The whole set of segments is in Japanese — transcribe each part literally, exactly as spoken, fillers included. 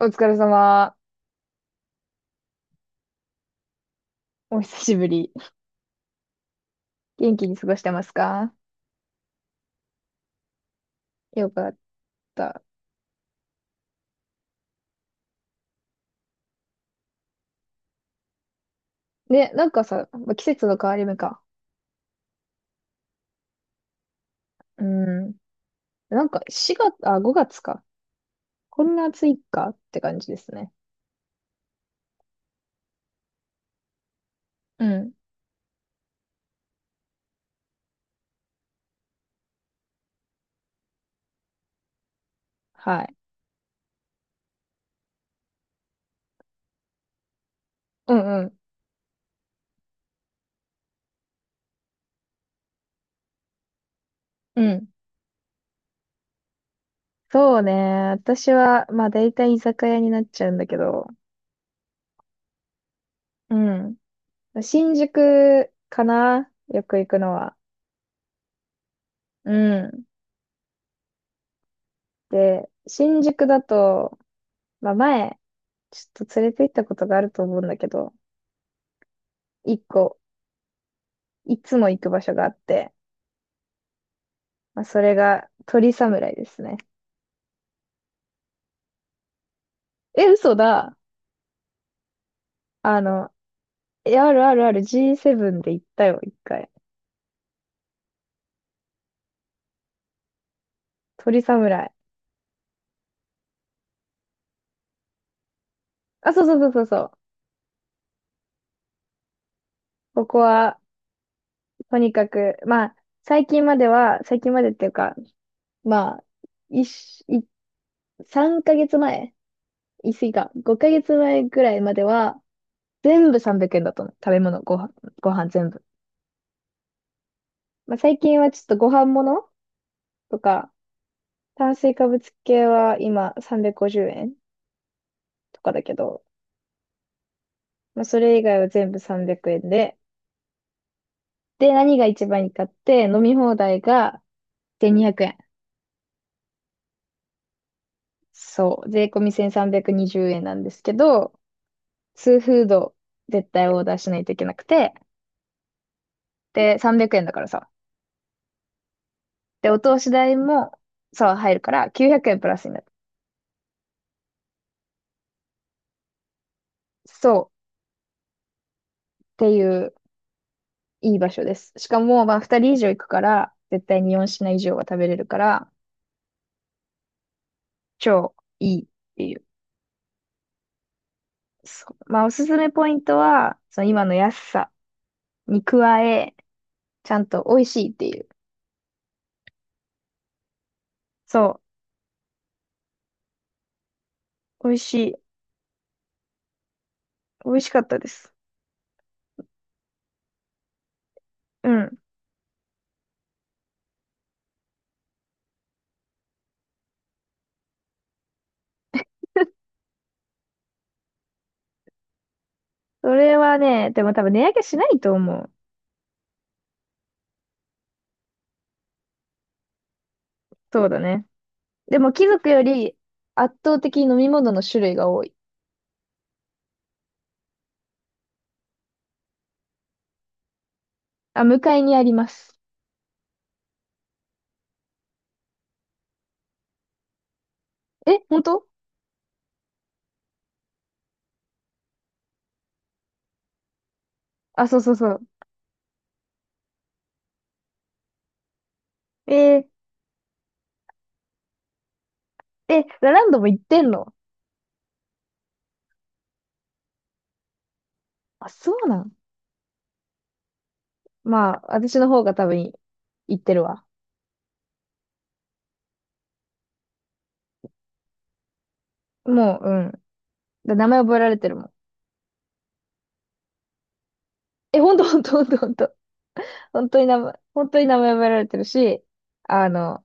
お疲れ様。お久しぶり。元気に過ごしてますか？よかった。ね、なんかさ、ま季節の変わり目か。うん。なんかしがつ、あ、ごがつか。こんな暑いかって感じですね。うん。はい。うんうん。うん。そうね。私は、まあ大体居酒屋になっちゃうんだけど。うん。新宿かなよく行くのは。うん。で、新宿だと、まあ前、ちょっと連れて行ったことがあると思うんだけど、一個いつも行く場所があって、まあ、それが鳥侍ですね。え、嘘だ。あの、え、あるあるある ジーセブン で行ったよ、一回。鳥侍。あ、そうそうそうそうそう。ここは、とにかく、まあ、最近までは、最近までっていうか、まあ、一し、い、さんかげつまえ、言い過ぎか、ごかげつまえぐらいまでは、全部さんびゃくえんだったの。食べ物、ご飯、ご飯全部。まあ、最近はちょっとご飯物とか、炭水化物系は今さんびゃくごじゅうえんとかだけど、まあ、それ以外は全部さんびゃくえんで、で、何が一番いいかって、飲み放題がせんにひゃくえん。そう、税込みせんさんびゃくにじゅうえんなんですけど、ツーフード絶対オーダーしないといけなくて、で、さんびゃくえんだからさ。で、お通し代もさ、入るからきゅうひゃくえんプラスになる。そうっていういい場所です。しかも、まあふたり以上行くから、絶対によん品以上は食べれるから、超いいっていう。そう、まあおすすめポイントは、その今の安さに加え、ちゃんと美味しいっていう。そう。美味しい。美味しかったです。うん。それはね、でも多分値上げしないと思う。そうだね。でも貴族より圧倒的に飲み物の種類が多い。あ、向かいにあります。え、本当？あ、そうそうそう。えー、え、ラランドも行ってんの？あ、そうなん。まあ、私の方が多分行ってるわ。もう、うん。だ名前覚えられてるもん。え、ほんとほんとほんとほんと。本当に名前、本当に名前覚えられてるし、あの、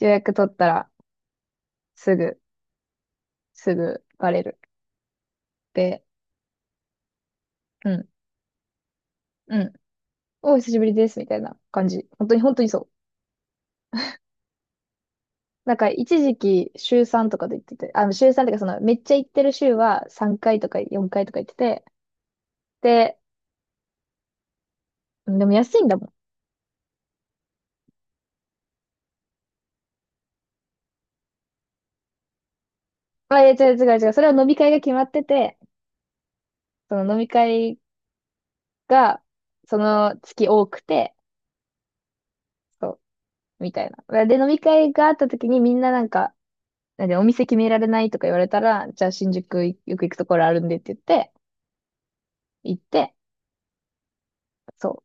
予約取ったら、すぐ、すぐバレる。で、うん、うん。お、久しぶりです、みたいな感じ。本当に、本当にそう。なんか、一時期、週さんとかで言ってて、あの、週さんとか、その、めっちゃ行ってる週はさんかいとかよんかいとか行ってて、で、でも安いんだもん。あ、いや、違う違う違う。それは飲み会が決まってて、その飲み会が、その月多くて、そう、みたいな。で、飲み会があった時にみんななんか、なんでお店決められないとか言われたら、じゃあ新宿よく行くところあるんでって言って、行って、そう。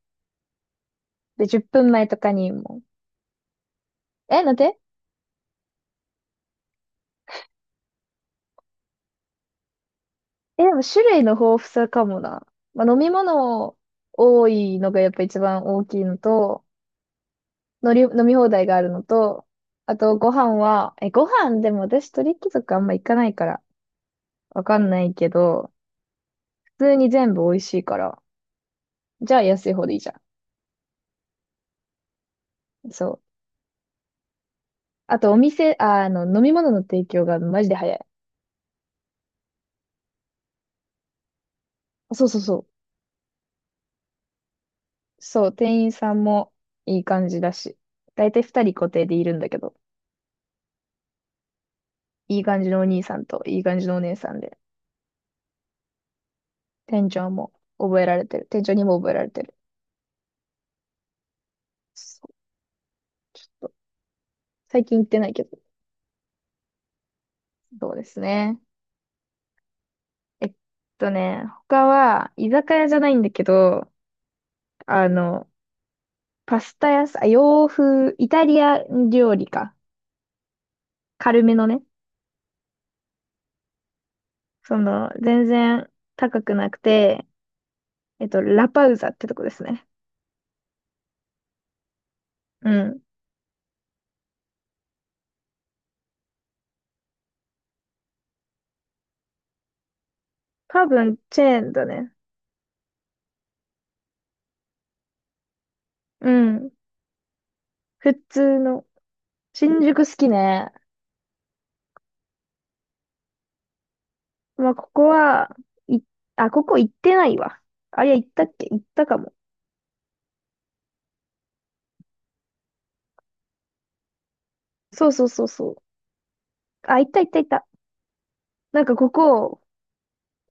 で、じゅっぷんまえとかにもう、え、なんで？え、でも種類の豊富さかもな。まあ、飲み物多いのがやっぱ一番大きいのと、のり、飲み放題があるのと、あとご飯は、え、ご飯でも私鳥貴族あんま行かないから、わかんないけど、普通に全部美味しいから、じゃあ安い方でいいじゃん。そう。あとお店、あ、あの、飲み物の提供がマジで早い。そうそうそう。そう、店員さんもいい感じだし。だいたい二人固定でいるんだけど。いい感じのお兄さんといい感じのお姉さんで、店長も覚えられてる。店長にも覚えられてる。そう、ちょっと、最近行ってないけど、そうですね。えっとね、他は、居酒屋じゃないんだけど、あの、パスタ屋さん、あ洋風、イタリア料理か。軽めのね。その、全然高くなくて、えっと、ラパウザってとこですね。うん。多分、チェーンだね。うん。普通の。新宿好きね。まあ、ここは、い、あ、ここ行ってないわ。あ、いや、行ったっけ行ったかも。そうそうそうそう。あ、行った行った行った。なんかここ、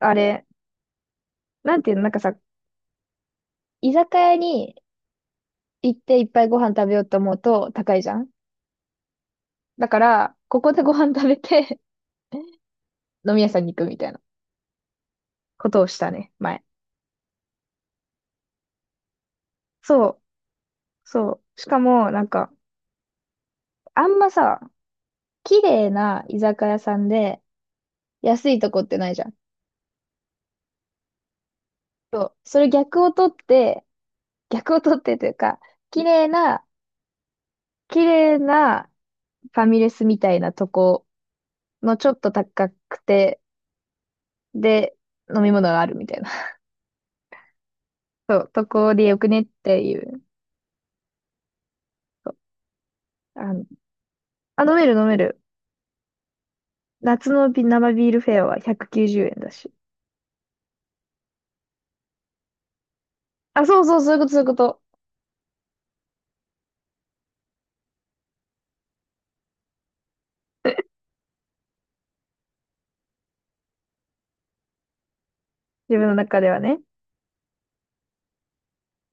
あれ、なんていうの、なんかさ、居酒屋に行っていっぱいご飯食べようと思うと高いじゃん。だから、ここでご飯食べて 飲み屋さんに行くみたいなことをしたね、前。そう、そう。しかも、なんか、あんまさ、綺麗な居酒屋さんで安いとこってないじゃん。そう、それ逆を取って、逆を取ってというか、綺麗な、綺麗なファミレスみたいなとこのちょっと高くて、で、飲み物があるみたいな。そう、とこでよくねっていう。そう、あの、あ、飲める飲める。夏のビ生ビールフェアはひゃくきゅうじゅうえんだし。あ、そうそう、そういうこと、そういうこと。自分の中ではね。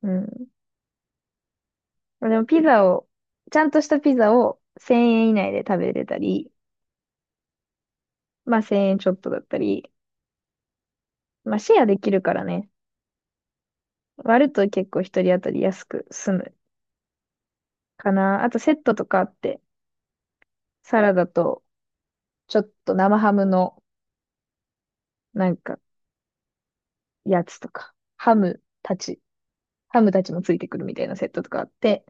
うん。でもピザを、ちゃんとしたピザをせんえん以内で食べれたり、まあせんえんちょっとだったり、まあシェアできるからね。割ると結構一人当たり安く済むかな。あとセットとかあって、サラダとちょっと生ハムのなんかやつとか、ハムたち、ハムたちもついてくるみたいなセットとかあって、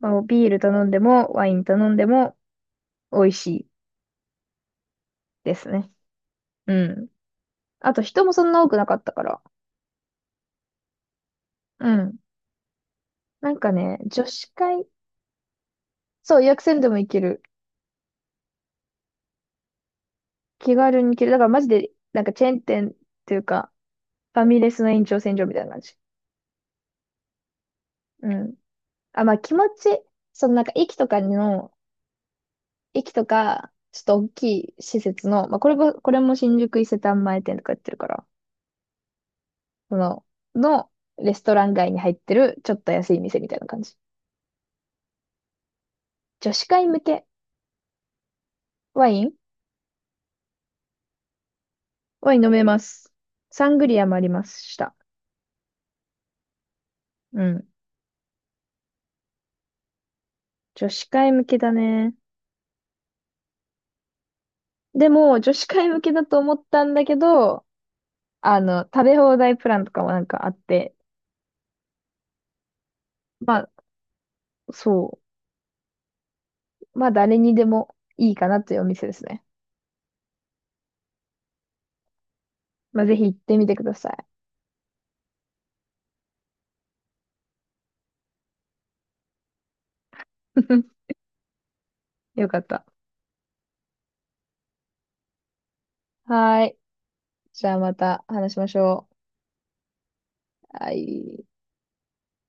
まあ、ビール頼んでもワイン頼んでも美味しいですね。うん。あと人もそんな多くなかったから。うん。なんかね、女子会、そう、予約せんでも行ける。気軽に行ける。だからマジで、なんかチェーン店っていうか、ファミレスの延長線上みたいな感じ。うん。あ、まあ気持ち、そのなんか駅とかの、駅とか、ちょっと大きい施設の、まあこれも、これも新宿伊勢丹前店とかやってるから、その、のレストラン街に入ってる、ちょっと安い店みたいな感じ。女子会向けワインワイン飲めます。サングリアもありました。うん。女子会向けだね。でも、女子会向けだと思ったんだけど、あの、食べ放題プランとかもなんかあって、まあ、そう。まあ、誰にでもいいかなというお店ですね。まあ、ぜひ行ってみてください。よかった。はーい。じゃあまた話しましょう。はい。